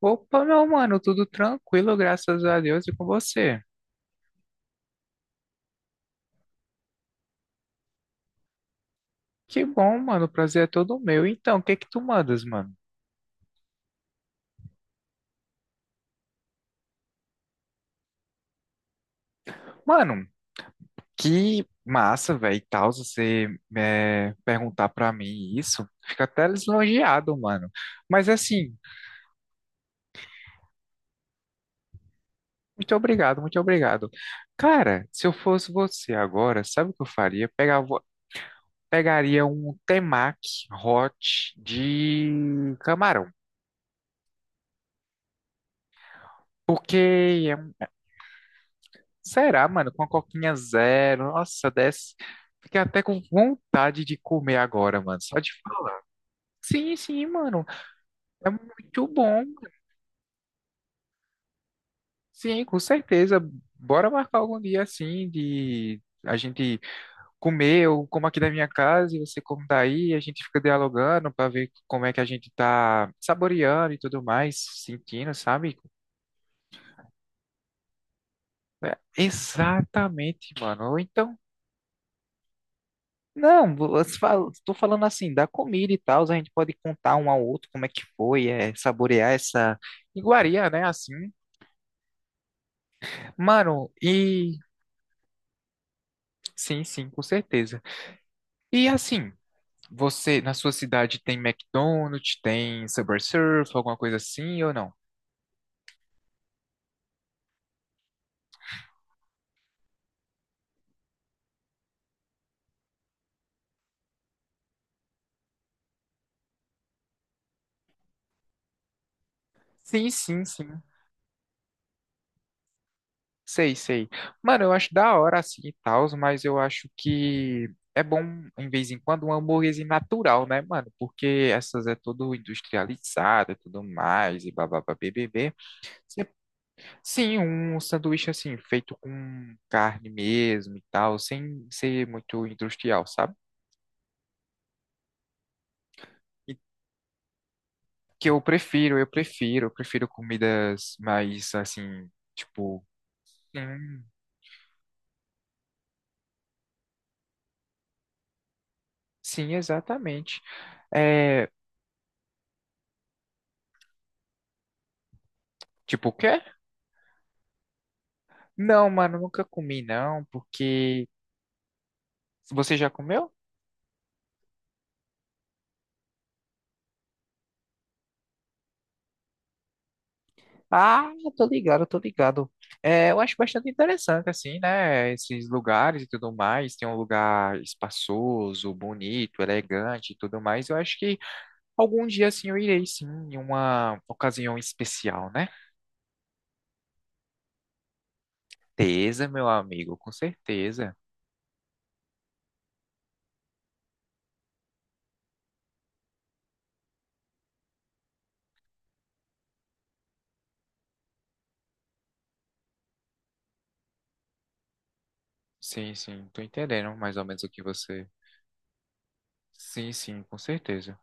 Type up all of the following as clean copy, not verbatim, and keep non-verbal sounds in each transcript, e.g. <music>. Opa, meu mano, tudo tranquilo, graças a Deus e com você. Que bom, mano, o prazer é todo meu. Então, o que que tu mandas, mano? Mano, que massa, velho, e tal, você perguntar pra mim isso. Fica até lisonjeado, mano. Mas assim, muito obrigado, muito obrigado. Cara, se eu fosse você agora, sabe o que eu faria? Pegaria um temaki hot de camarão. Porque Será, mano? Com a coquinha zero. Nossa, desce. Fiquei até com vontade de comer agora, mano. Só de falar. Sim, sim, mano. É muito bom. Sim, com certeza. Bora marcar algum dia assim de a gente comer. Eu como aqui da minha casa e você como daí. A gente fica dialogando pra ver como é que a gente tá saboreando e tudo mais, sentindo, sabe? É, exatamente, mano. Ou então. Não, você fala- estou falando assim, da comida e tal, a gente pode contar um ao outro como é que foi, é, saborear essa iguaria, né, assim. Mano, e sim, sim, com certeza. E assim, você, na sua cidade tem McDonald's, tem Subway Surf, alguma coisa assim ou não? Sim, sim, sim. Sei, sei. Mano, eu acho da hora assim e tal, mas eu acho que é bom, em vez em quando, uma hambúrguerzinho natural, né, mano? Porque essas é tudo industrializado e tudo mais, e bababá, BBB. Cê- sim, um sanduíche assim, feito com carne mesmo e tal, sem ser muito industrial, sabe? E que eu prefiro, eu prefiro comidas mais assim, tipo. Sim, sim, exatamente. É, tipo o quê? Não, mano, nunca comi não, porque você já comeu? Ah, eu tô ligado, eu tô ligado. É, eu acho bastante interessante assim, né? Esses lugares e tudo mais. Tem um lugar espaçoso, bonito, elegante e tudo mais. Eu acho que algum dia assim eu irei sim, em uma ocasião especial, né? Certeza, meu amigo, com certeza. Sim, sim, tô entendendo mais ou menos o que você. Sim, sim, com certeza.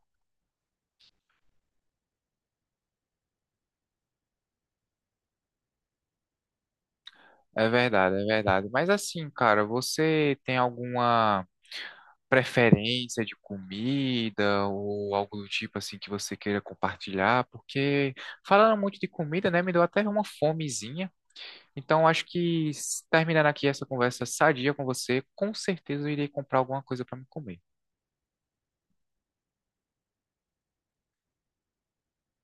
É verdade, é verdade. Mas assim, cara, você tem alguma preferência de comida ou algo do tipo assim que você queira compartilhar, porque falando muito de comida, né, me deu até uma fomezinha. Então acho que s- terminando aqui essa conversa sadia com você, com certeza eu irei comprar alguma coisa para me comer.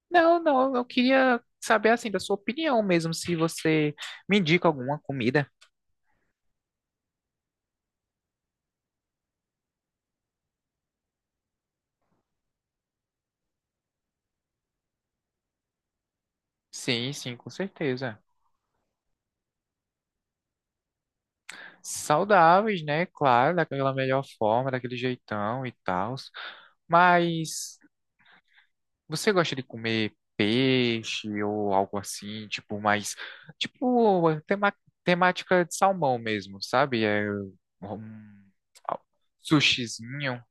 Não, não, eu queria saber assim da sua opinião mesmo, se você me indica alguma comida. Sim, sim, com certeza. Saudáveis, né? Claro, daquela melhor forma, daquele jeitão e tal. Mas você gosta de comer peixe ou algo assim, tipo mais, tipo tema, temática de salmão mesmo, sabe? É um sushizinho.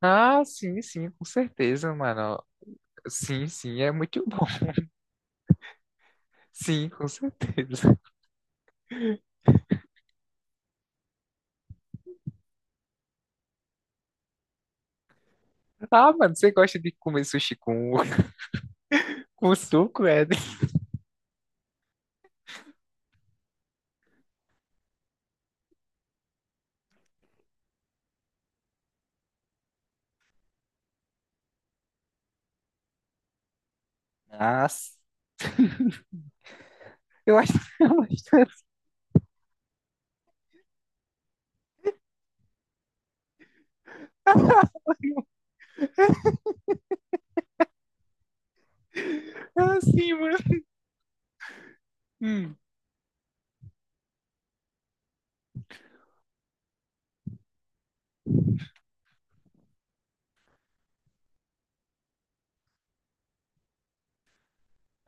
Ah, sim, sim, com certeza, mano. Sim, sim, é muito bom. <laughs> Sim, com certeza. Ah, mano, você gosta de comer sushi com suco, é? Ah, s- eu acho. <laughs> Ah, sim, mano. Hum.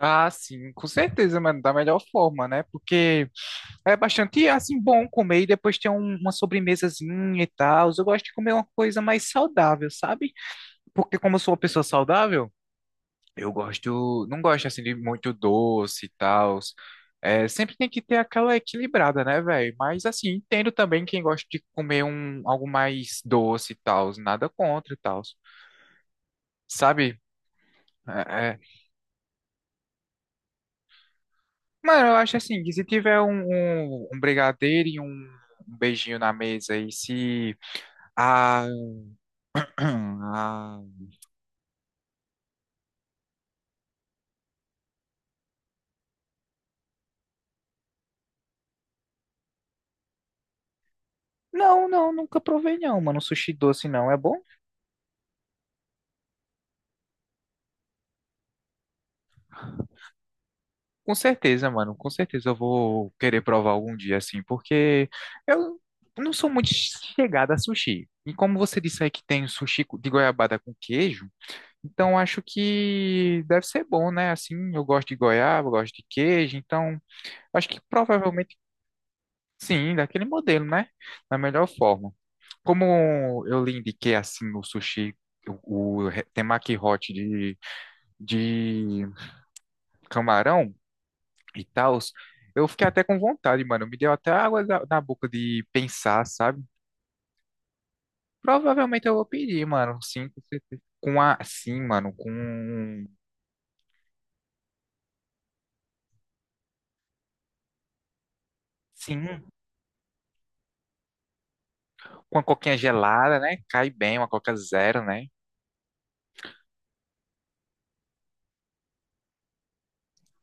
Ah, sim, com certeza, mano, da melhor forma, né? Porque é bastante, é, assim, bom comer e depois ter um- uma sobremesazinha e tal. Eu gosto de comer uma coisa mais saudável, sabe? Porque como eu sou uma pessoa saudável, eu gosto, não gosto, assim, de muito doce e tal. É, sempre tem que ter aquela equilibrada, né, velho? Mas, assim, entendo também quem gosta de comer um, algo mais doce e tal. Nada contra e tal, sabe? É, é. Mano, eu acho assim, que se tiver um brigadeiro e um beijinho na mesa e se... A ah. Não, não, nunca provei não, mano. Sushi doce não é bom? Com certeza, mano. Com certeza eu vou querer provar algum dia assim, porque eu não sou muito chegada a sushi. E como você disse aí que tem sushi de goiabada com queijo, então acho que deve ser bom, né? Assim, eu gosto de goiaba, eu gosto de queijo, então acho que provavelmente sim, daquele modelo, né? Da melhor forma. Como eu lhe indiquei assim no sushi o re- temaki hot de camarão e tal, eu fiquei até com vontade, mano. Me deu até água da- na boca de pensar, sabe? Provavelmente eu vou pedir, mano. Sim, com certeza. Com a, sim, mano, com sim, com a coquinha gelada, né? Cai bem, uma coca zero, né?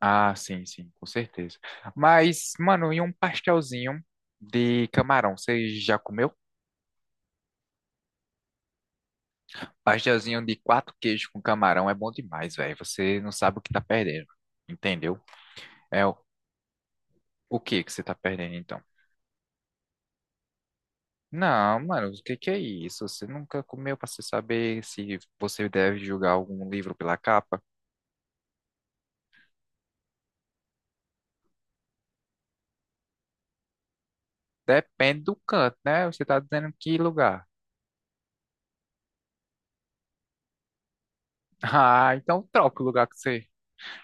Ah, sim, sim, com certeza. Mas, mano, e um pastelzinho de camarão? Você já comeu? Pastelzinho de quatro queijos com camarão é bom demais, velho. Você não sabe o que tá perdendo, entendeu? É, o que que você tá perdendo, então? Não, mano, o que que é isso? Você nunca comeu pra você saber se você deve julgar algum livro pela capa? Depende do canto, né? Você tá dizendo que lugar. <laughs> Ah, então troca o lugar que você.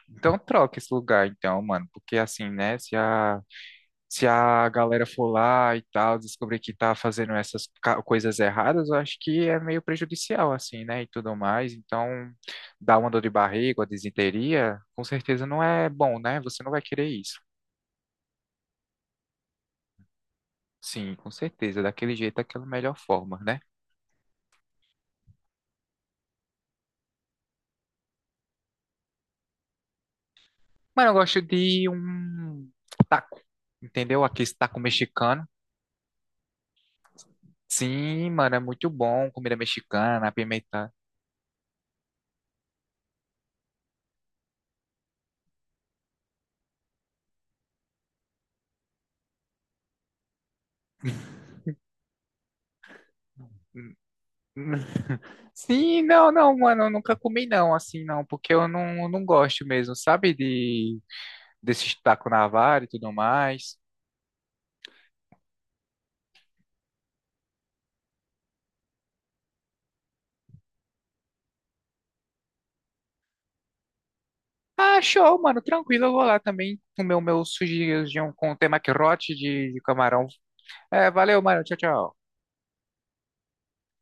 Então troca esse lugar, então, mano. Porque assim, né? Se a galera for lá e tal, descobrir que tá fazendo essas ca- coisas erradas, eu acho que é meio prejudicial, assim, né? E tudo mais. Então, dar uma dor de barriga, uma disenteria, com certeza não é bom, né? Você não vai querer isso. Sim, com certeza. Daquele jeito, daquela melhor forma, né? Mas eu gosto de um taco, entendeu? Aquele taco mexicano. Sim, mano, é muito bom. Comida mexicana, pimenta. <laughs> Sim, não, não, mano, eu nunca comi não, assim, não, porque eu não, não gosto mesmo, sabe, de desse taco na vara e tudo mais. Ah, show, mano, tranquilo, eu vou lá também comer o meu sujinho com tema maquerote de camarão. É, valeu, mano, tchau, tchau.